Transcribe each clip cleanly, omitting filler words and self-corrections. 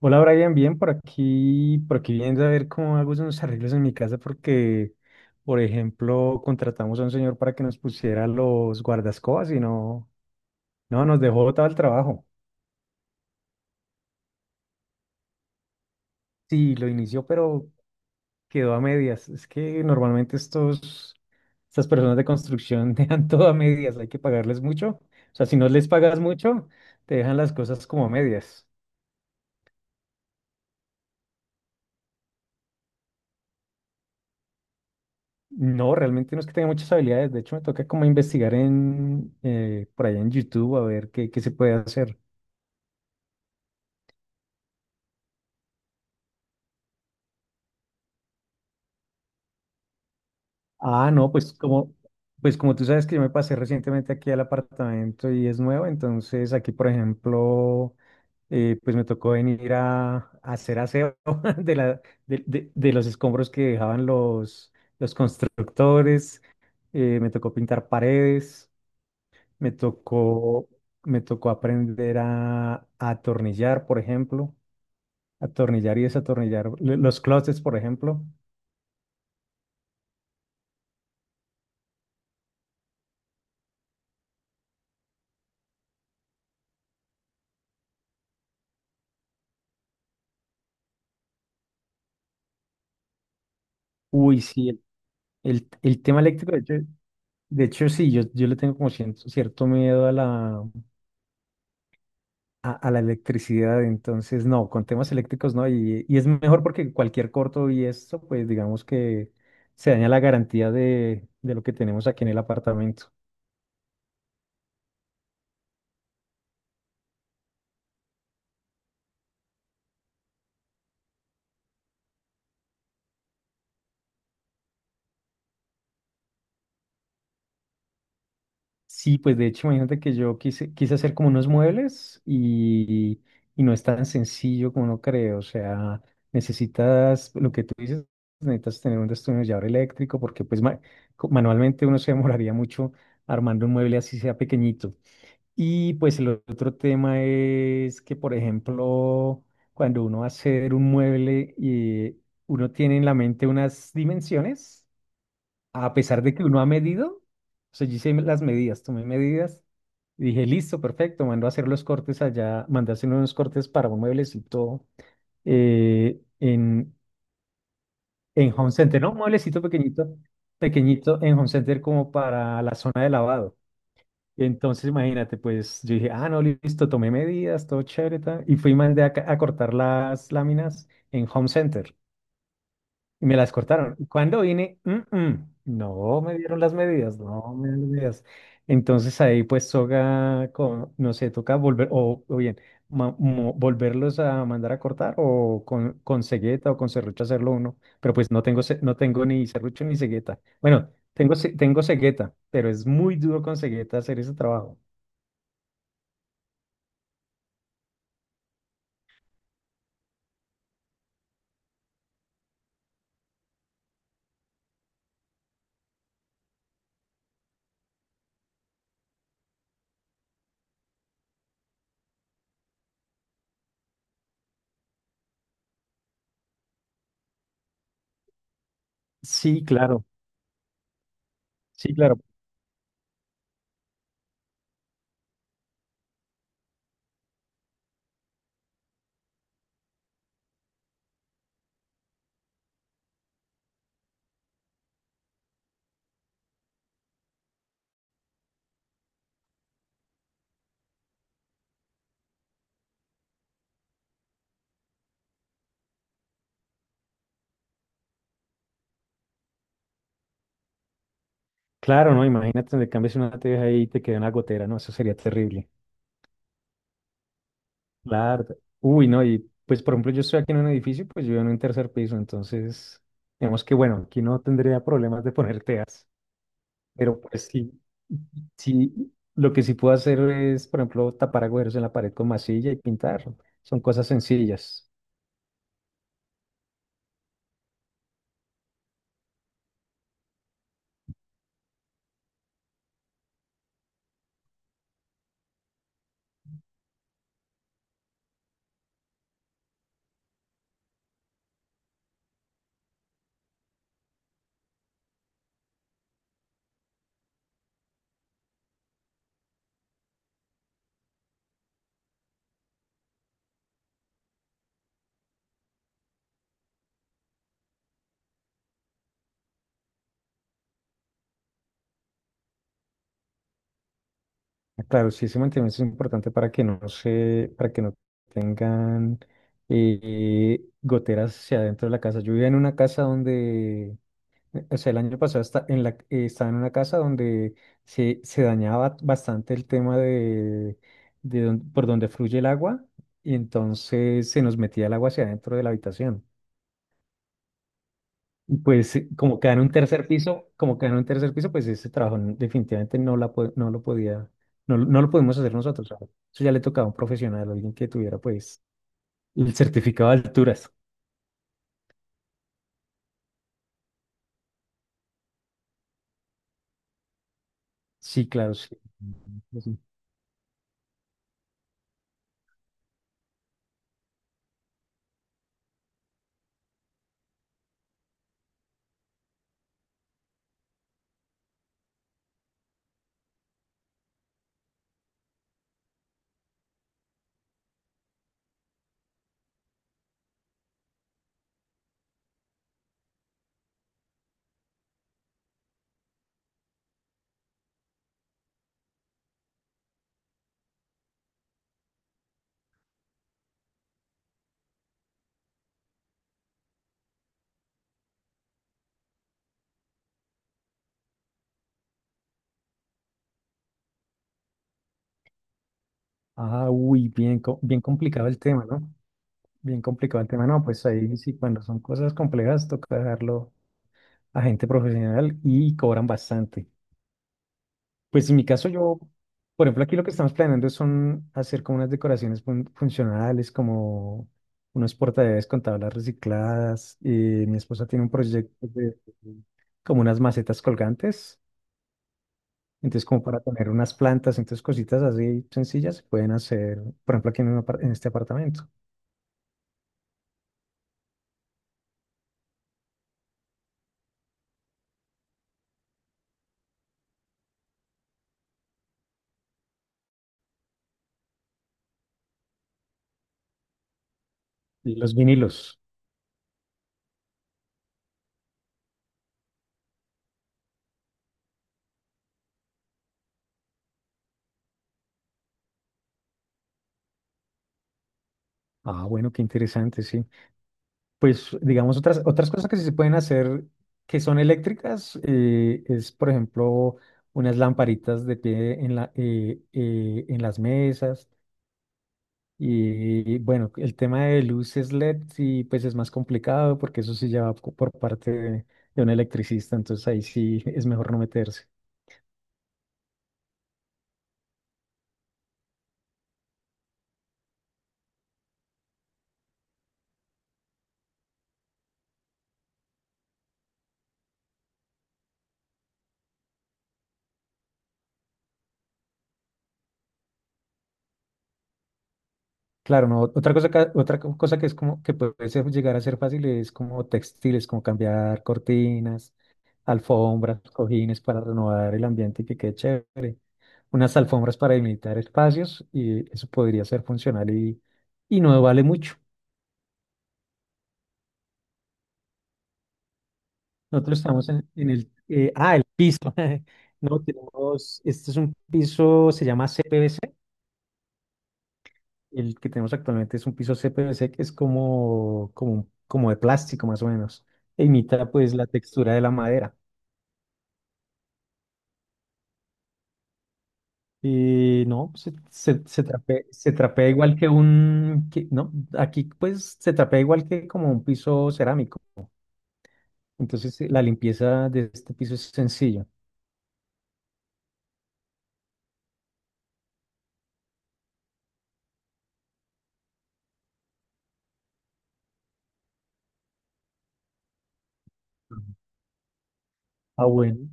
Hola Brian, bien por aquí viendo a ver cómo hago unos arreglos en mi casa porque, por ejemplo, contratamos a un señor para que nos pusiera los guardascobas y no, no, nos dejó botado el trabajo. Sí, lo inició, pero quedó a medias. Es que normalmente estas personas de construcción dejan todo a medias, hay que pagarles mucho. O sea, si no les pagas mucho, te dejan las cosas como a medias. No, realmente no es que tenga muchas habilidades. De hecho, me toca como investigar en por allá en YouTube a ver qué se puede hacer. Ah, no, pues como tú sabes que yo me pasé recientemente aquí al apartamento y es nuevo, entonces aquí, por ejemplo, pues me tocó venir a hacer aseo de la, de los escombros que dejaban los constructores. Me tocó pintar paredes. Me tocó, Me tocó aprender a atornillar, por ejemplo. Atornillar y desatornillar. Los closets, por ejemplo. Uy, sí, el tema eléctrico, de hecho, sí, yo le tengo como cierto miedo a a la electricidad, entonces no, con temas eléctricos no, y es mejor porque cualquier corto y esto, pues digamos que se daña la garantía de lo que tenemos aquí en el apartamento. Sí, pues de hecho, imagínate que yo quise hacer como unos muebles y no es tan sencillo como uno cree. O sea, necesitas, lo que tú dices, necesitas tener un destornillador eléctrico porque manualmente uno se demoraría mucho armando un mueble así sea pequeñito. Y pues el otro tema es que, por ejemplo, cuando uno va a hacer un mueble y uno tiene en la mente unas dimensiones a pesar de que uno ha medido, o sea, yo hice las medidas, tomé medidas y dije, listo, perfecto, mando a hacer los cortes allá, mandé a hacer unos cortes para un mueblecito eh, en, en Home Center, ¿no? Pequeñito en Home Center como para la zona de lavado. Entonces, imagínate, pues yo dije, ah, no, listo, tomé medidas, todo chévere, tal", y fui y mandé a cortar las láminas en Home Center. Y me las cortaron. Y cuando vine, no me dieron las medidas, no me dieron las medidas. Entonces ahí pues no sé, toca volver, o bien, volverlos a mandar a cortar o con cegueta o con serrucho hacerlo uno. Pero pues no no tengo ni serrucho ni cegueta. Bueno, tengo cegueta, pero es muy duro con cegueta hacer ese trabajo. Sí, claro, sí, claro. Claro, ¿no? Imagínate donde cambies una teja ahí y te queda una gotera, ¿no? Eso sería terrible. Claro. Uy, no, y pues por ejemplo yo estoy aquí en un edificio, pues yo vivo en un tercer piso, entonces digamos que bueno, aquí no tendría problemas de poner teas, pero pues sí, sí, lo que sí puedo hacer es, por ejemplo, tapar agujeros en la pared con masilla y pintar, son cosas sencillas. Ah, claro, sí, ese mantenimiento es importante para que no para que no tengan goteras hacia adentro de la casa. Yo vivía en una casa donde. O sea, el año pasado está en estaba en una casa donde se dañaba bastante el tema de, por donde fluye el agua y entonces se nos metía el agua hacia adentro de la habitación. Y pues como queda en un tercer piso, pues ese trabajo definitivamente no, no lo no lo pudimos hacer nosotros. O sea, eso ya le tocaba a un profesional, alguien que tuviera pues el certificado de alturas. Sí, claro, sí. Ujú, sí. Ah, uy, bien, bien complicado el tema, ¿no? Bien complicado el tema, no, pues ahí sí, cuando son cosas complejas, toca dejarlo a gente profesional y cobran bastante. Pues en mi caso, por ejemplo, aquí lo que estamos planeando son hacer como unas decoraciones funcionales, como unos portadeves con tablas recicladas. Mi esposa tiene un proyecto de como unas macetas colgantes, entonces como para tener unas plantas, entonces cositas así sencillas se pueden hacer, por ejemplo, aquí en, un apar- en este apartamento. Y los vinilos. Ah, bueno, qué interesante, sí. Pues digamos, otras cosas que sí se pueden hacer que son eléctricas por ejemplo, unas lamparitas de pie en en las mesas. Y bueno, el tema de luces LED sí, pues es más complicado porque eso sí ya va por parte de un electricista, entonces ahí sí es mejor no meterse. Claro, no, otra cosa, ca- otra co- cosa que es como que puede llegar a ser fácil es como textiles, como cambiar cortinas, alfombras, cojines para renovar el ambiente y que quede chévere, unas alfombras para delimitar espacios y eso podría ser funcional y no vale mucho. Nosotros estamos en el piso. No, tenemos, este es un piso, se llama CPVC, el que tenemos actualmente es un piso CPVC que es como de plástico más o menos, e imita pues la textura de la madera. Y no, se trapea igual que un, que- no, aquí pues se trapea igual que como un piso cerámico. Entonces la limpieza de este piso es sencilla. Ah, bueno.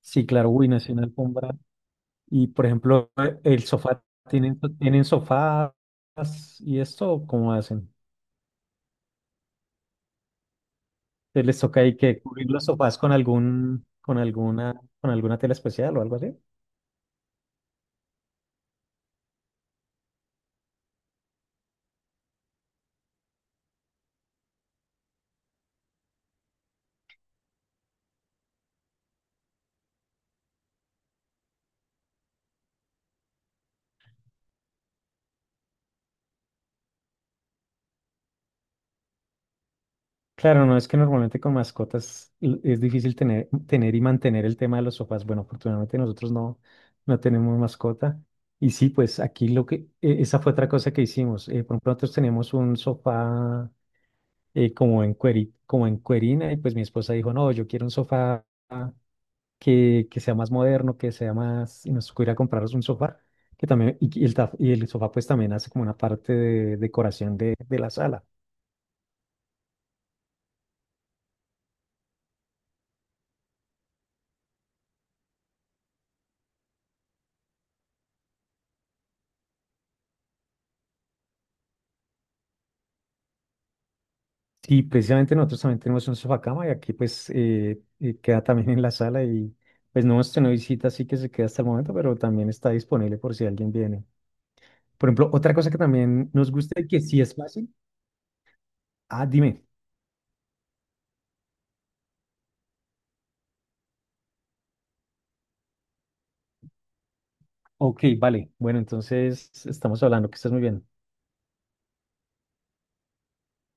Sí, claro, uy, nació una alfombra. Y por ejemplo, el sofá, tienen sofás y esto? ¿Cómo hacen? ¿Les toca ahí que cubrir los sofás con alguna tela especial o algo así? Claro, no es que normalmente con mascotas es difícil tener y mantener el tema de los sofás. Bueno, afortunadamente nosotros no, no tenemos mascota. Y sí, pues aquí esa fue otra cosa que hicimos. Por ejemplo, nosotros teníamos un sofá como en cuerina y pues mi esposa dijo, no, yo quiero un sofá que sea más moderno, que sea más, y nos tocó ir a compraros un sofá, que también, y y el sofá pues también hace como una parte de decoración de la sala. Sí, precisamente nosotros también tenemos un sofá cama y aquí pues queda también en la sala y pues no hemos tenido visita, así que se queda hasta el momento, pero también está disponible por si alguien viene. Por ejemplo, otra cosa que también nos gusta y que sí es fácil. Ah, dime. Ok, vale. Bueno, entonces estamos hablando, que estás muy bien.